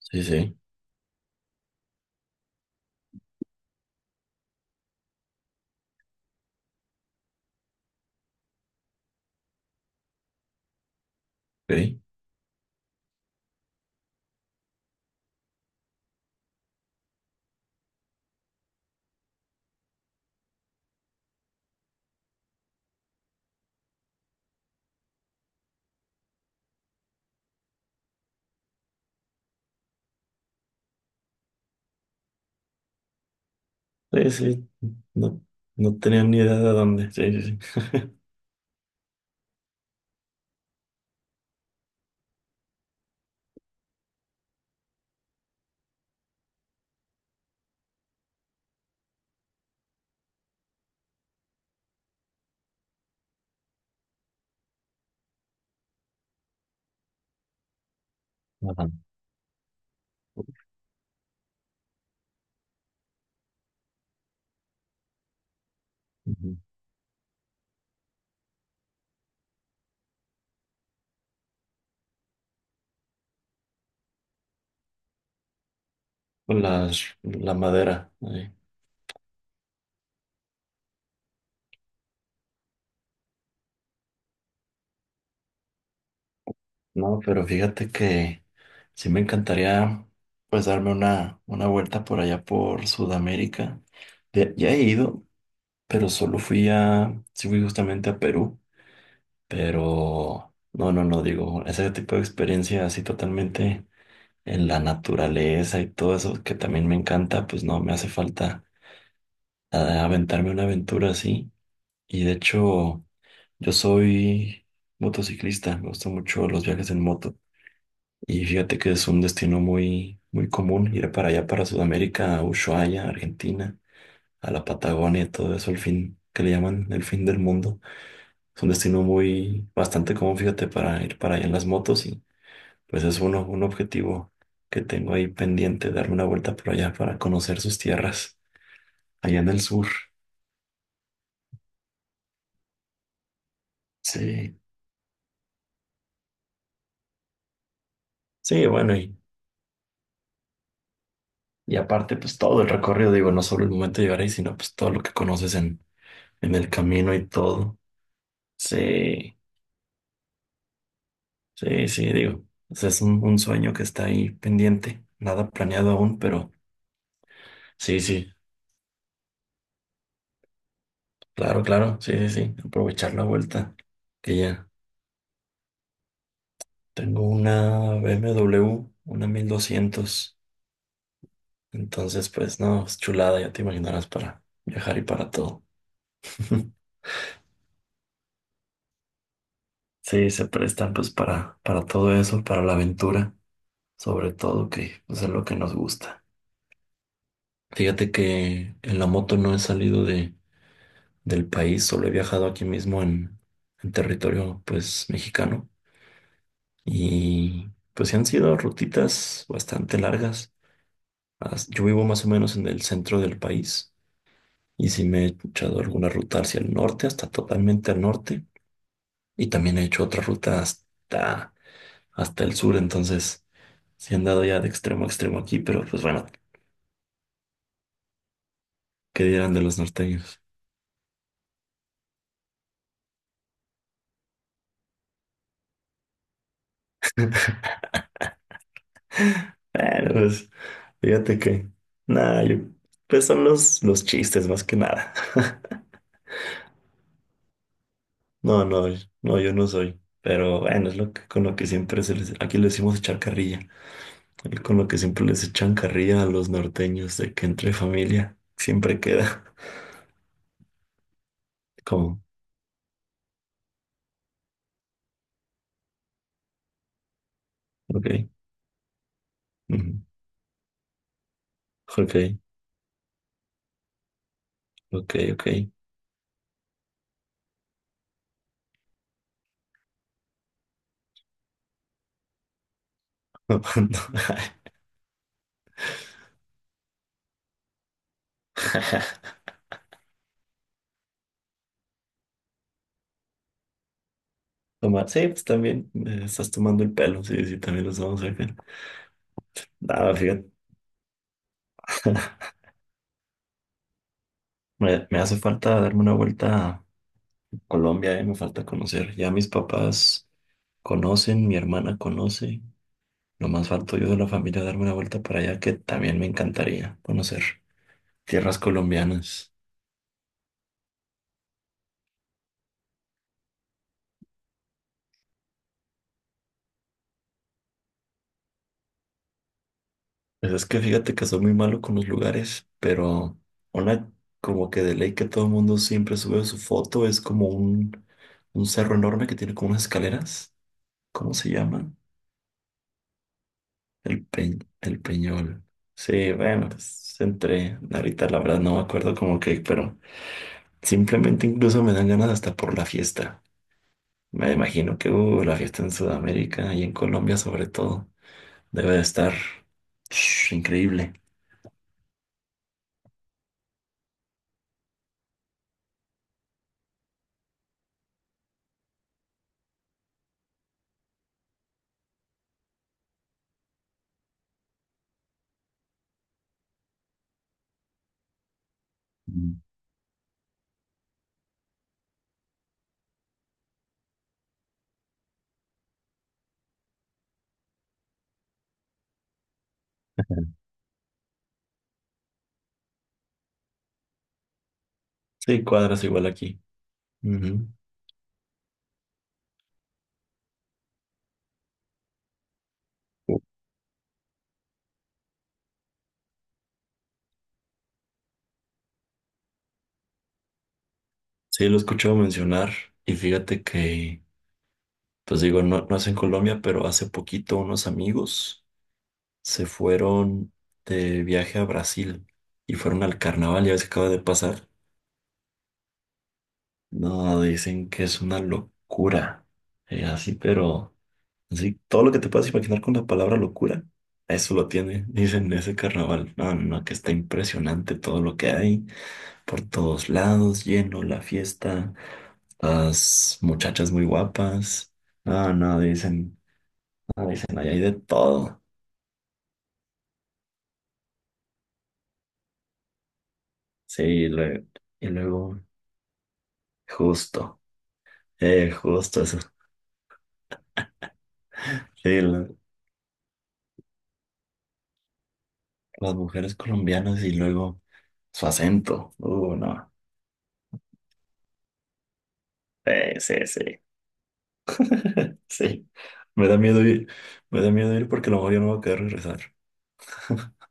Sí, sí, ok. Sí, sí, no, no tenía ni idea de dónde. Sí, sí, sí. Ajá. Ujú. Con la madera ahí. No, pero fíjate que sí me encantaría, pues darme una vuelta por allá por Sudamérica. Ya, ya he ido, pero solo fui sí fui justamente a Perú, pero no, no, no, digo, ese tipo de experiencia así totalmente en la naturaleza y todo eso que también me encanta, pues no me hace falta a aventarme una aventura así. Y de hecho, yo soy motociclista, me gustan mucho los viajes en moto. Y fíjate que es un destino muy, muy común ir para allá, para Sudamérica, a Ushuaia, Argentina, a la Patagonia, y todo eso, el fin que le llaman el fin del mundo. Es un destino muy, bastante común, fíjate, para ir para allá en las motos. Y pues es uno, un objetivo que tengo ahí pendiente, darme una vuelta por allá para conocer sus tierras, allá en el sur. Sí, sí, bueno, y aparte, pues todo el recorrido, digo, no solo el momento de llegar ahí, sino pues todo lo que conoces en el camino y todo. Sí, sí, sí, digo, o sea, es un, sueño que está ahí pendiente, nada planeado aún, pero sí, sí, claro, claro, sí, sí, sí, aprovechar la vuelta, que ya tengo una BMW, una 1200, entonces pues no, es chulada, ya te imaginarás para viajar y para todo. Sí, se prestan pues para todo eso, para la aventura, sobre todo que, pues, es lo que nos gusta. Fíjate que en la moto no he salido del país, solo he viajado aquí mismo en territorio, pues, mexicano, y pues sí han sido rutitas bastante largas. Yo vivo más o menos en el centro del país y sí me he echado alguna ruta hacia el norte, hasta totalmente al norte, y también he hecho otra ruta hasta, hasta el sur, entonces sí he andado ya de extremo a extremo aquí, pero pues bueno, ¿qué dirán de los norteños? Bueno, pues, fíjate que, nada, yo, pues son los, chistes más que nada. No, no, no, yo no soy. Pero bueno, es lo que, con lo que siempre se les, aquí le decimos echar carrilla, y con lo que siempre les echan carrilla a los norteños, de que entre familia siempre queda. Como, ok, ujú, ok, ok, ok. Tomando. Sí, pues también, estás tomando el pelo, sí, sí, también los vamos a ver. Nada, fíjate, me hace falta darme una vuelta Colombia, me falta conocer. Ya mis papás conocen, mi hermana conoce. Nomás falto yo de la familia, darme una vuelta para allá, que también me encantaría conocer tierras colombianas. Pues es que fíjate que soy muy malo con los lugares, pero una, como que de ley, que todo el mundo siempre sube su foto, es como un cerro enorme que tiene como unas escaleras. ¿Cómo se llama? El Peñol. Sí, bueno, pues entre, ahorita la verdad no me acuerdo como que, pero simplemente incluso me dan ganas hasta por la fiesta. Me imagino que, la fiesta en Sudamérica y en Colombia, sobre todo, debe de estar increíble. Mm. Sí, cuadras igual aquí. Ujú. Sí, lo escucho mencionar, y fíjate que, pues digo, no, no es en Colombia, pero hace poquito unos amigos se fueron de viaje a Brasil y fueron al carnaval, ya ves que acaba de pasar. No, dicen que es una locura, así, pero... Sí, todo lo que te puedas imaginar con la palabra locura, eso lo tiene, dicen, ese carnaval. No, no, no, que está impresionante todo lo que hay, por todos lados, lleno la fiesta, las muchachas muy guapas. No, no, dicen, no, dicen, ahí hay de todo. Sí, y luego, justo, justo eso. Sí, las mujeres colombianas, y luego su acento. No, sí, sí, sí. Sí, me da miedo ir, me da miedo ir porque a lo mejor ya no va a querer regresar.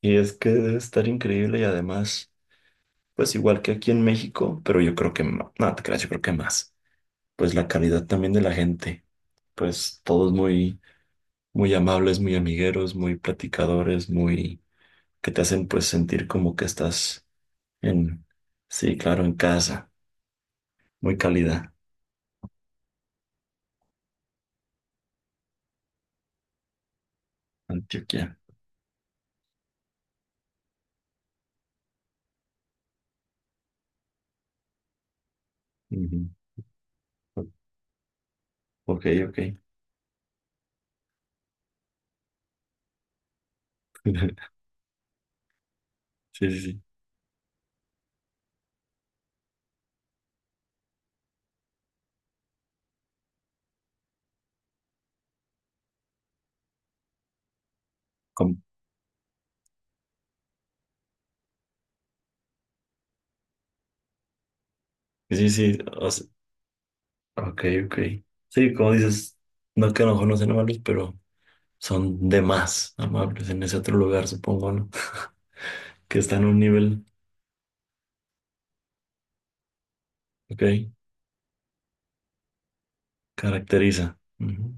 Y es que debe estar increíble, y además, pues igual que aquí en México, pero yo creo que más, no te creas, yo creo que más. Pues la calidad también de la gente, pues todos muy, muy amables, muy amigueros, muy platicadores, muy, que te hacen pues sentir como que estás en, sí, claro, en casa, muy cálida. Antioquia. Ujú. Ok, ok. Sí, sí, sí. Com- sí, sí, o sea, ok, ok. Sí, como dices, no que a lo mejor no sean amables, pero son de más amables en ese otro lugar, supongo, ¿no? Que está en un nivel, ok, caracteriza. Ujú.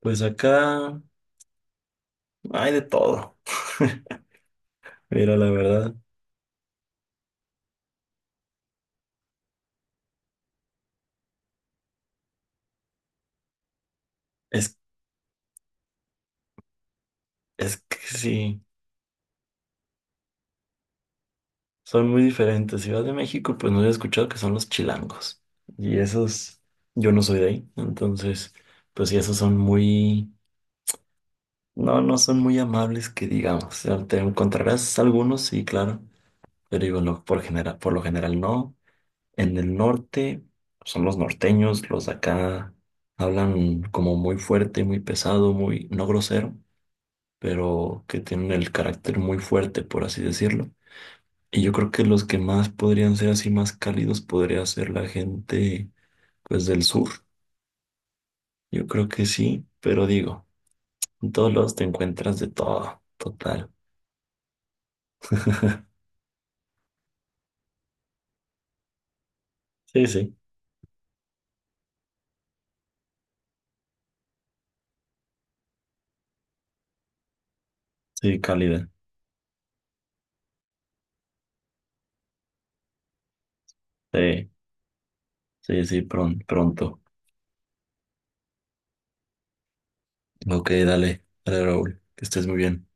Pues acá hay de todo. Mira, la verdad, es, es que sí, son muy diferentes. Ciudad de México, pues no he escuchado que son los chilangos. Y esos, yo no soy de ahí, entonces, pues sí, esos son muy, no, no son muy amables que digamos. O sea, te encontrarás algunos, sí, claro, pero digo, por lo general no. En el norte son los norteños, los de acá hablan como muy fuerte, muy pesado, muy, no grosero, pero que tienen el carácter muy fuerte, por así decirlo. Y yo creo que los que más podrían ser así más cálidos podría ser la gente, pues, del sur. Yo creo que sí, pero digo, en todos lados te encuentras de todo, total. Sí, sí. Sí, cálida. Sí, sí, sí, pronto. Ok, dale, dale, Raúl. Que estés muy bien.